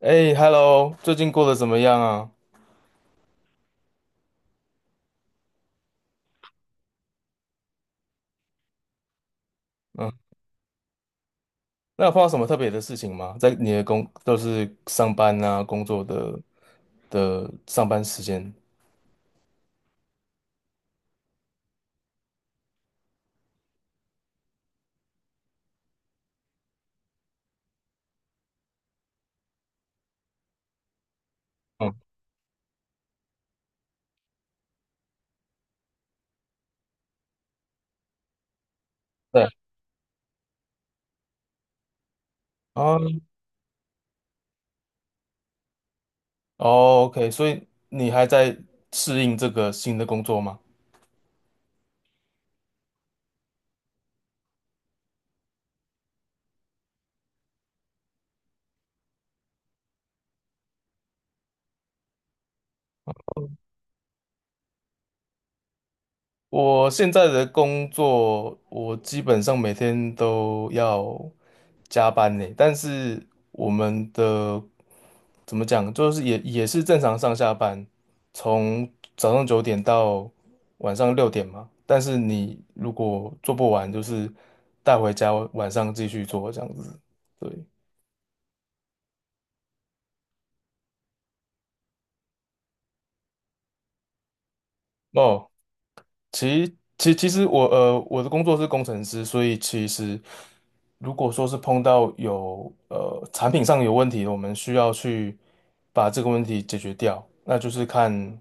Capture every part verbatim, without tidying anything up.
哎，Hello，最近过得怎么样啊？嗯，那有碰到什么特别的事情吗？在你的工，都是上班啊，工作的的上班时间。嗯，对啊。哦，OK，所以你还在适应这个新的工作吗？我现在的工作，我基本上每天都要加班呢，但是我们的怎么讲，就是也也是正常上下班，从早上九点到晚上六点嘛。但是你如果做不完，就是带回家晚上继续做这样子。对。哦，其其其实我呃我的工作是工程师，所以其实如果说是碰到有呃产品上有问题，我们需要去把这个问题解决掉，那就是看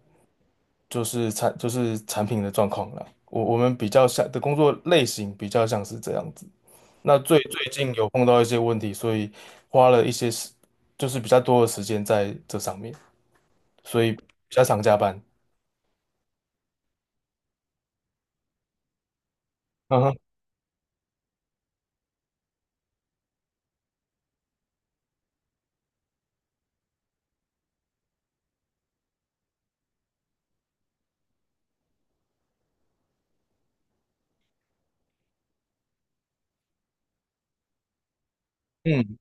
就是产就是产品的状况了。我我们比较像的工作类型比较像是这样子。那最最近有碰到一些问题，所以花了一些时就是比较多的时间在这上面，所以比较常加班。嗯哼，嗯。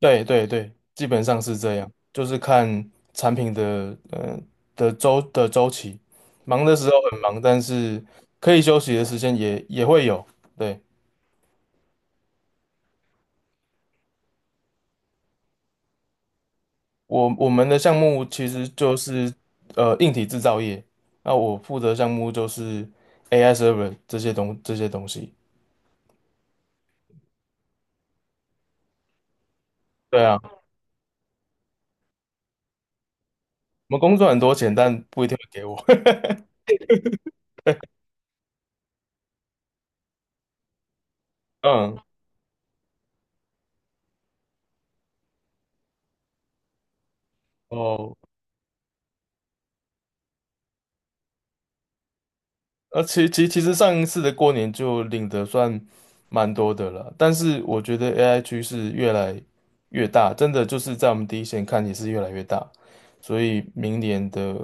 对对对，基本上是这样，就是看产品的呃的周的周期，忙的时候很忙，但是可以休息的时间也也会有。对，我我们的项目其实就是呃硬体制造业，那我负责项目就是 A I server 这些东这些东西。对啊，我们工作很多钱，但不一定会给我。嗯，哦。呃，其其其实上一次的过年就领的算蛮多的了，但是我觉得 A I 趋势越来越大，真的就是在我们第一线看也是越来越大，所以明年的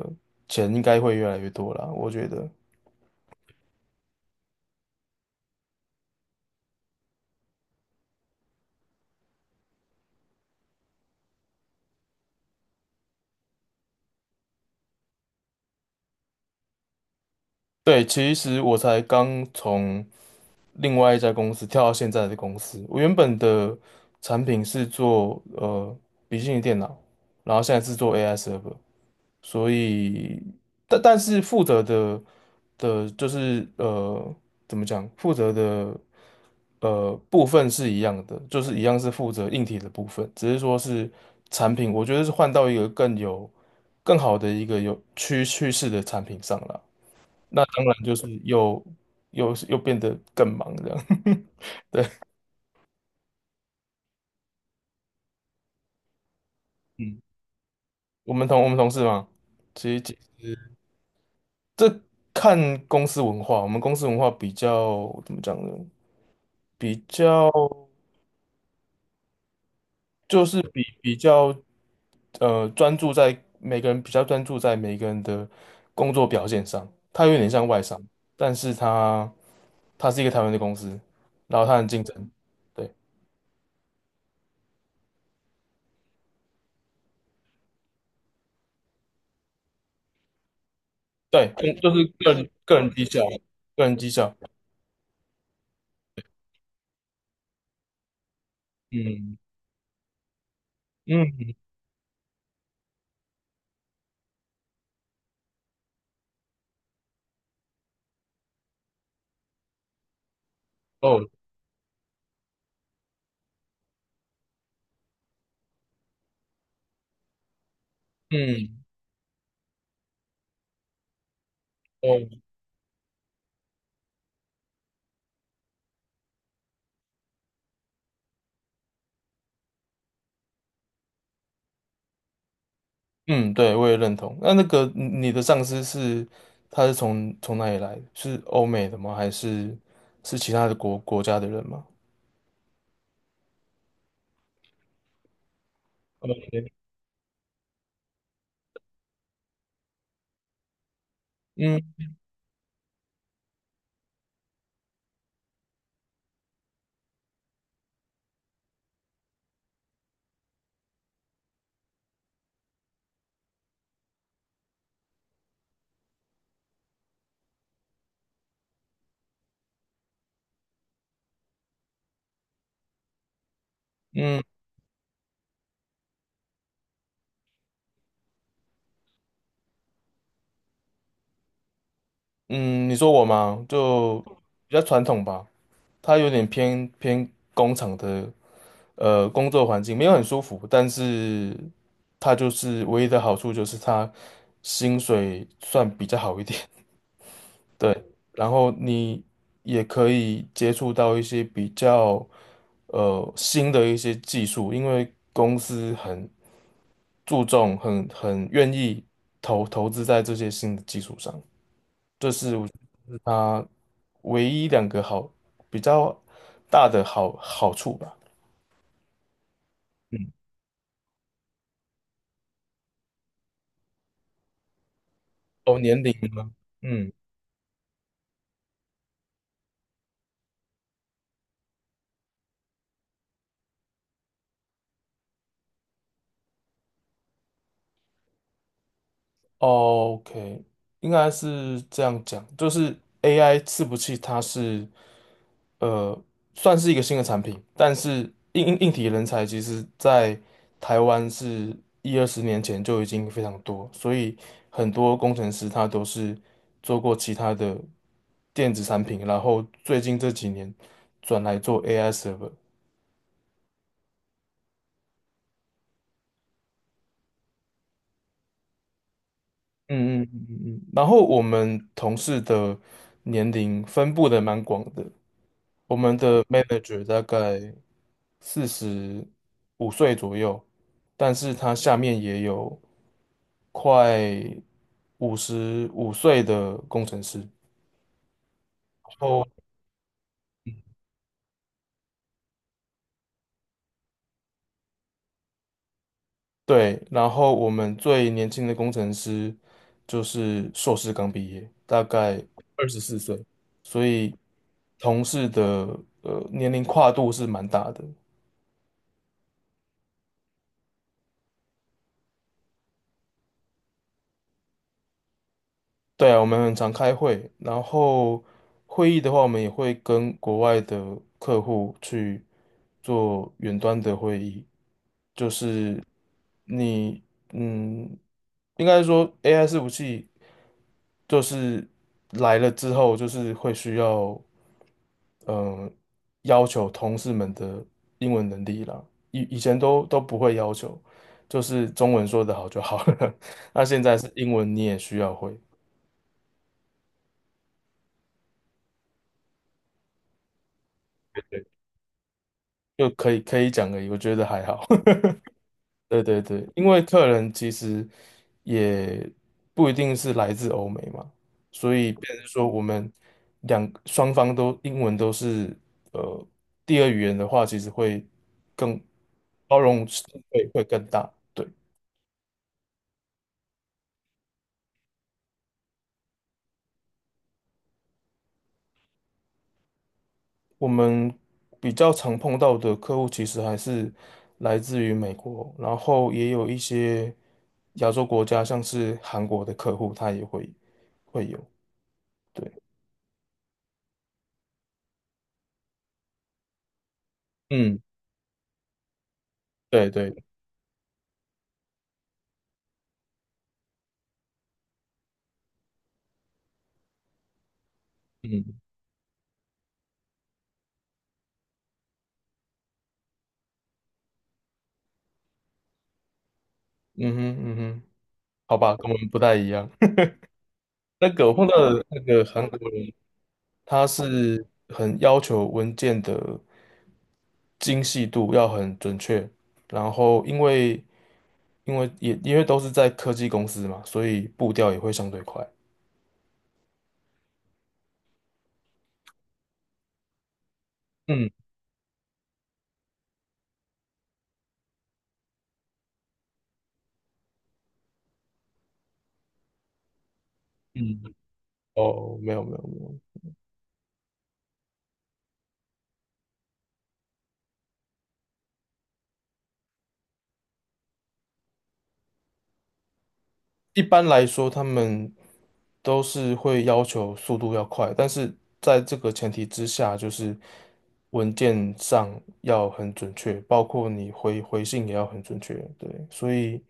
钱应该会越来越多啦，我觉得。对，其实我才刚从另外一家公司跳到现在的公司，我原本的产品是做呃笔记型电脑，然后现在是做 A I server。所以，但但是负责的的，就是呃，怎么讲？负责的呃部分是一样的，就是一样是负责硬体的部分，只是说是产品，我觉得是换到一个更有更好的一个有趋趋势的产品上了。那当然就是又又又变得更忙这样。对。嗯，我们同我们同事嘛，其实。这看公司文化，我们公司文化比较怎么讲呢？比较就是比比较呃专注在每个人比较专注在每个人的工作表现上，它有点像外商，但是它它是一个台湾的公司，然后它很竞争。对对，嗯就是个人个人绩效，个人绩效，嗯嗯，哦，嗯，哦，嗯。对，我也认同。那那个你你的上司是他是从从哪里来的？是欧美的吗？还是是其他的国国家的人吗？OK。 嗯嗯嗯，你说我吗？就比较传统吧，他有点偏偏工厂的呃工作环境，没有很舒服，但是他就是唯一的好处就是他薪水算比较好一点。对，然后你也可以接触到一些比较呃新的一些技术，因为公司很注重、很很愿意投投资在这些新的技术上。唯一两个好比较大的好好处吧。嗯，哦，年龄吗？嗯，哦，OK，应该是这样讲，就是 A I 伺服器它是。呃，算是一个新的产品，但是硬硬硬体人才其实在台湾是一二十年前就已经非常多，所以很多工程师他都是做过其他的电子产品，然后最近这几年转来做 A I server。嗯嗯嗯嗯嗯。然后我们同事的年龄分布的蛮广的，我们的 manager 大概四十五岁左右，但是他下面也有快五十五岁的工程师。哦，对，然后我们最年轻的工程师就是硕士刚毕业，大概二十四岁，所以同事的呃年龄跨度是蛮大的。对啊，我们很常开会，然后会议的话，我们也会跟国外的客户去做远端的会议，就是你，嗯，应该说 A I 伺服器就是来了之后，就是会需要，嗯、要求同事们的英文能力啦。以以前都都不会要求，就是中文说得好就好了。那现在是英文你也需要会，就可以可以讲而已，我觉得还好。对对对，因为客人其实也不一定是来自欧美嘛，所以变成说我们两双方都英文都是呃第二语言的话，其实会更包容性会会更大。对，我们比较常碰到的客户其实还是来自于美国，然后也有一些亚洲国家，像是韩国的客户，他也会会有。对，嗯，对对，嗯。嗯哼，嗯哼，好吧，跟我们不太一样。那个我碰到的那个韩国人，他是很要求文件的精细度要很准确，然后因为因为也因为都是在科技公司嘛，所以步调也会相对快。嗯嗯，哦，没有没有没有。一般来说，他们都是会要求速度要快，但是在这个前提之下，就是文件上要很准确，包括你回回信也要很准确。对，所以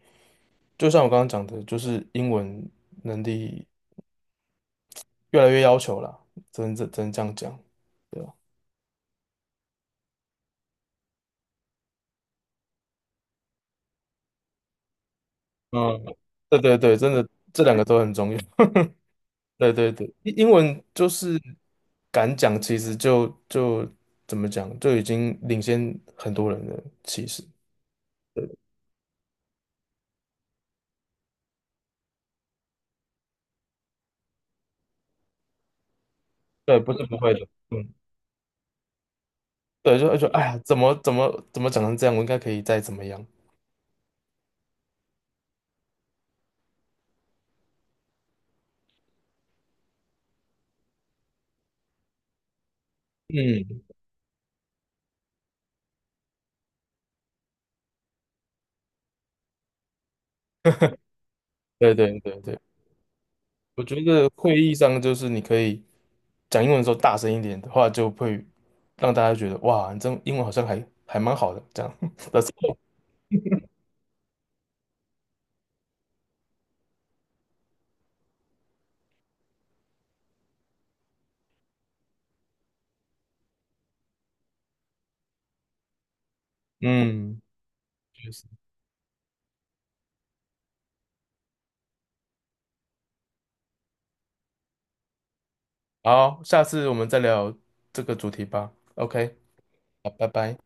就像我刚刚讲的，就是英文能力越来越要求啦，只能只能这样讲，对吧？嗯，对对对，真的这两个都很重要。对对对，英英文就是敢讲，其实就就怎么讲，就已经领先很多人了。其实，对，不是不会的，嗯，对，就就哎呀，怎么怎么怎么讲成这样，我应该可以再怎么样。嗯，对对对对，我觉得会议上就是你可以讲英文的时候大声一点的话，就会让大家觉得哇，你这英文好像还还蛮好的这样。嗯，确实。好，下次我们再聊这个主题吧。OK，好，拜拜。